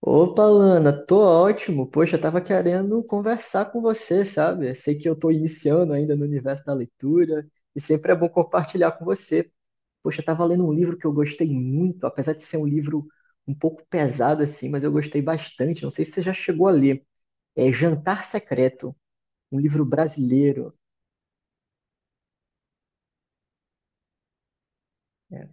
Opa, Lana, tô ótimo. Poxa, eu tava querendo conversar com você, sabe? Eu sei que eu tô iniciando ainda no universo da leitura e sempre é bom compartilhar com você. Poxa, eu tava lendo um livro que eu gostei muito, apesar de ser um livro um pouco pesado assim, mas eu gostei bastante. Não sei se você já chegou a ler. É Jantar Secreto, um livro brasileiro. É,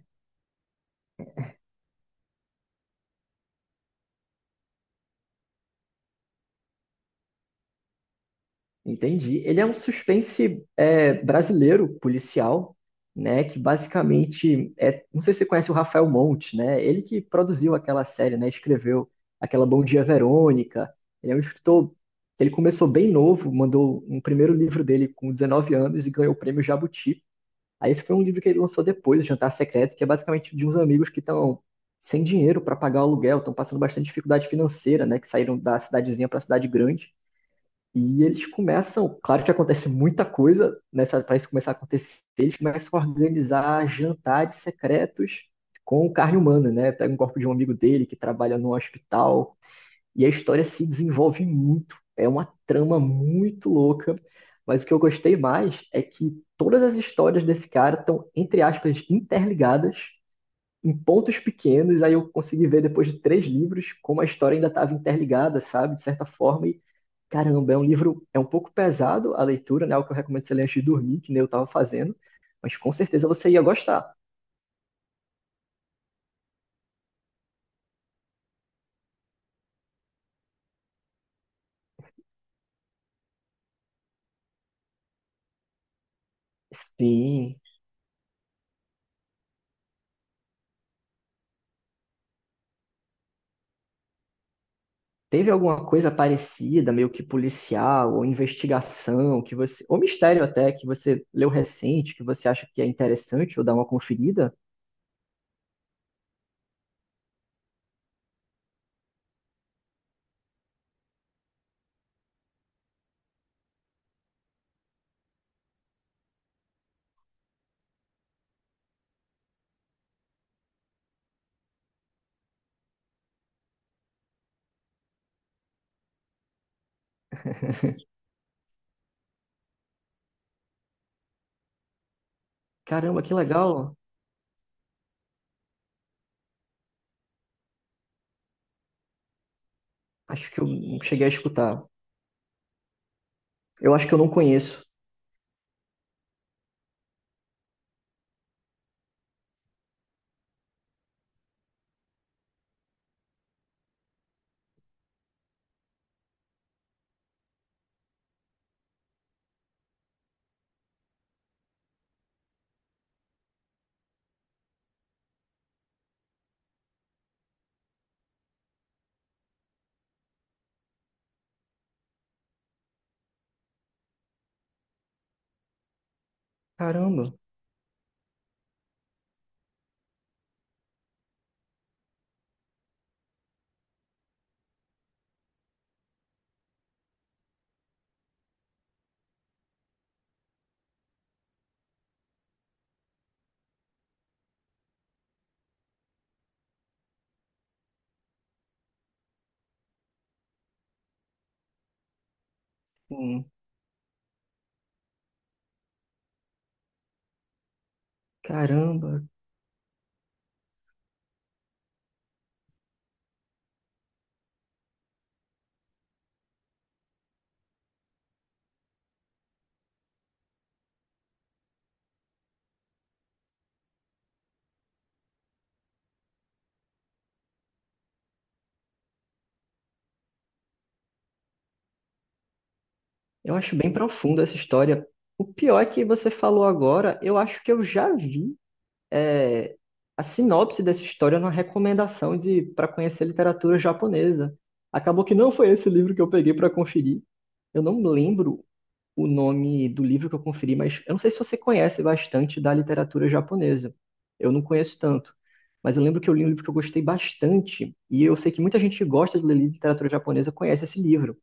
entendi. Ele é um suspense é, brasileiro, policial, né? Que basicamente é. Não sei se você conhece o Rafael Monte, né? Ele que produziu aquela série, né? Escreveu aquela Bom Dia Verônica. Ele é um escritor que ele começou bem novo, mandou um primeiro livro dele com 19 anos e ganhou o prêmio Jabuti. Aí esse foi um livro que ele lançou depois, O Jantar Secreto, que é basicamente de uns amigos que estão sem dinheiro para pagar o aluguel, estão passando bastante dificuldade financeira, né? Que saíram da cidadezinha para a cidade grande e eles começam, claro que acontece muita coisa nessa para isso começar a acontecer, eles começam a organizar jantares secretos com carne humana, né? Pega um corpo de um amigo dele que trabalha num hospital e a história se desenvolve muito. É uma trama muito louca, mas o que eu gostei mais é que todas as histórias desse cara estão, entre aspas, interligadas em pontos pequenos, aí eu consegui ver depois de três livros como a história ainda estava interligada, sabe? De certa forma, e caramba, é um livro, é um pouco pesado a leitura, né? O que eu recomendo você ler antes de dormir, que nem eu estava fazendo, mas com certeza você ia gostar. Sim. Teve alguma coisa parecida, meio que policial, ou investigação, que você, ou mistério até, que você leu recente, que você acha que é interessante, ou dá uma conferida? Caramba, que legal! Acho que eu não cheguei a escutar. Eu acho que eu não conheço. Caramba. Sim. Caramba, eu acho bem profunda essa história. O pior é que você falou agora, eu acho que eu já vi é, a sinopse dessa história numa recomendação de para conhecer literatura japonesa. Acabou que não foi esse livro que eu peguei para conferir. Eu não lembro o nome do livro que eu conferi, mas eu não sei se você conhece bastante da literatura japonesa. Eu não conheço tanto, mas eu lembro que eu li um livro que eu gostei bastante e eu sei que muita gente que gosta de ler literatura japonesa conhece esse livro,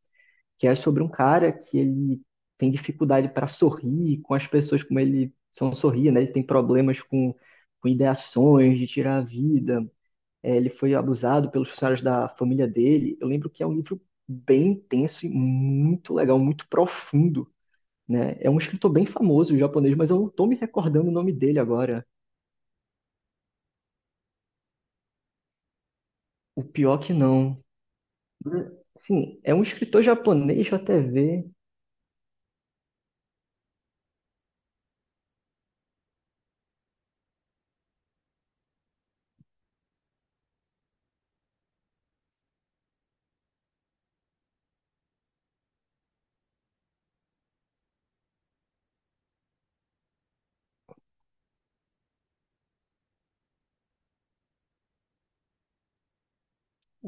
que é sobre um cara que ele tem dificuldade para sorrir com as pessoas, como ele são sorrir, né? Ele tem problemas com ideações de tirar a vida. É, ele foi abusado pelos funcionários da família dele. Eu lembro que é um livro bem intenso e muito legal, muito profundo, né? É um escritor bem famoso japonês, mas eu não tô me recordando o nome dele agora. O pior que não. Sim, é um escritor japonês, deixa eu até ver.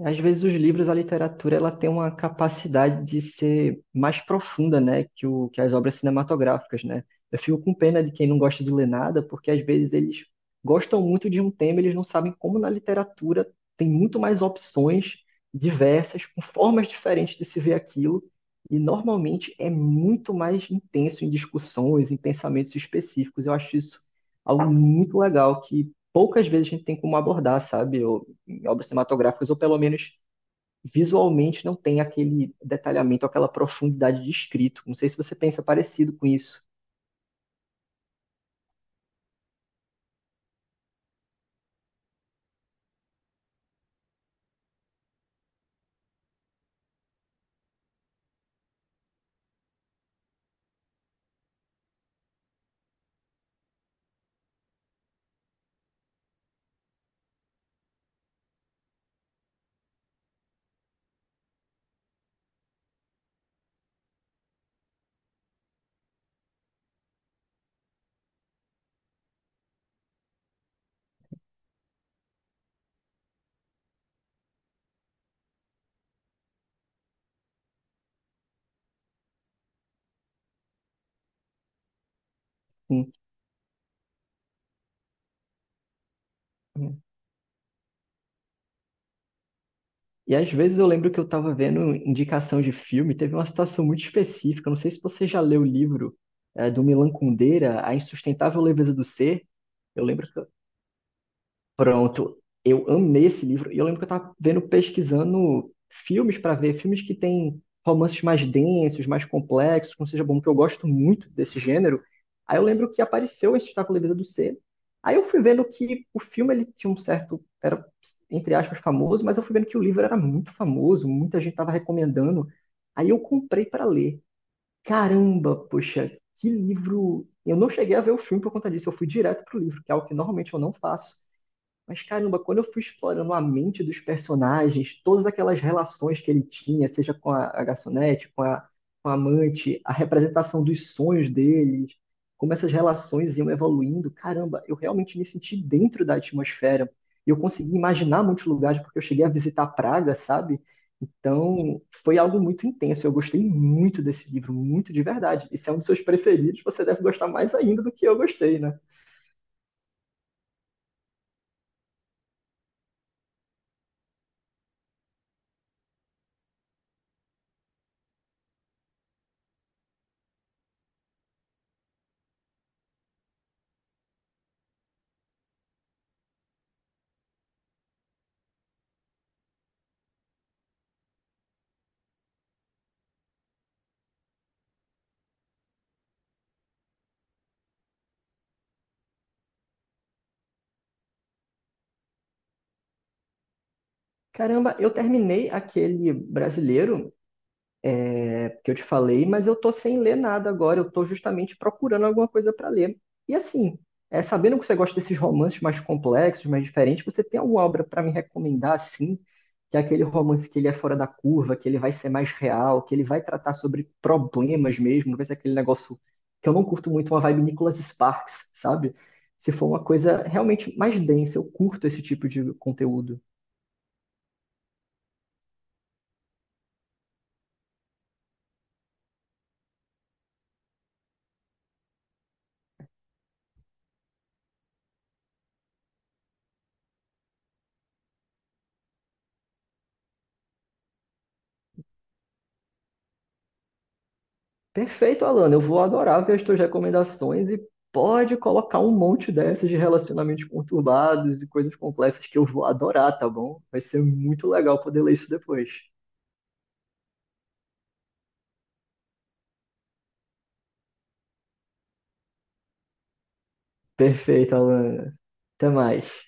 Às vezes os livros, a literatura, ela tem uma capacidade de ser mais profunda, né, que o que as obras cinematográficas, né? Eu fico com pena de quem não gosta de ler nada, porque às vezes eles gostam muito de um tema, e eles não sabem como na literatura tem muito mais opções diversas, com formas diferentes de se ver aquilo, e normalmente é muito mais intenso em discussões, em pensamentos específicos. Eu acho isso algo muito legal que poucas vezes a gente tem como abordar, sabe? Em obras cinematográficas, ou pelo menos visualmente, não tem aquele detalhamento, aquela profundidade de escrito. Não sei se você pensa parecido com isso. Sim. E às vezes eu lembro que eu estava vendo indicação de filme, teve uma situação muito específica. Não sei se você já leu o livro do Milan Kundera, A Insustentável Leveza do Ser. Eu lembro que, pronto, eu amei esse livro. E eu lembro que eu tava vendo, pesquisando filmes para ver, filmes que têm romances mais densos, mais complexos, como seja bom, que eu gosto muito desse gênero. Aí eu lembro que apareceu esse Estava Leveza do Ser. Aí eu fui vendo que o filme ele tinha um certo, era entre aspas famoso, mas eu fui vendo que o livro era muito famoso, muita gente tava recomendando. Aí eu comprei para ler. Caramba, poxa, que livro! Eu não cheguei a ver o filme por conta disso, eu fui direto pro livro, que é algo que normalmente eu não faço. Mas caramba, quando eu fui explorando a mente dos personagens, todas aquelas relações que ele tinha, seja com a garçonete, com a amante, a representação dos sonhos deles, como essas relações iam evoluindo, caramba, eu realmente me senti dentro da atmosfera. E eu consegui imaginar muitos lugares, porque eu cheguei a visitar Praga, sabe? Então, foi algo muito intenso. Eu gostei muito desse livro, muito de verdade. E se é um dos seus preferidos, você deve gostar mais ainda do que eu gostei, né? Caramba, eu terminei aquele brasileiro é, que eu te falei, mas eu tô sem ler nada agora, eu tô justamente procurando alguma coisa para ler. E assim, é, sabendo que você gosta desses romances mais complexos, mais diferentes, você tem alguma obra para me recomendar assim, que é aquele romance que ele é fora da curva, que ele vai ser mais real, que ele vai tratar sobre problemas mesmo, não vai ser aquele negócio que eu não curto muito, uma vibe Nicholas Sparks, sabe? Se for uma coisa realmente mais densa, eu curto esse tipo de conteúdo. Perfeito, Alana. Eu vou adorar ver as tuas recomendações e pode colocar um monte dessas de relacionamentos conturbados e coisas complexas que eu vou adorar, tá bom? Vai ser muito legal poder ler isso depois. Perfeito, Alana. Até mais.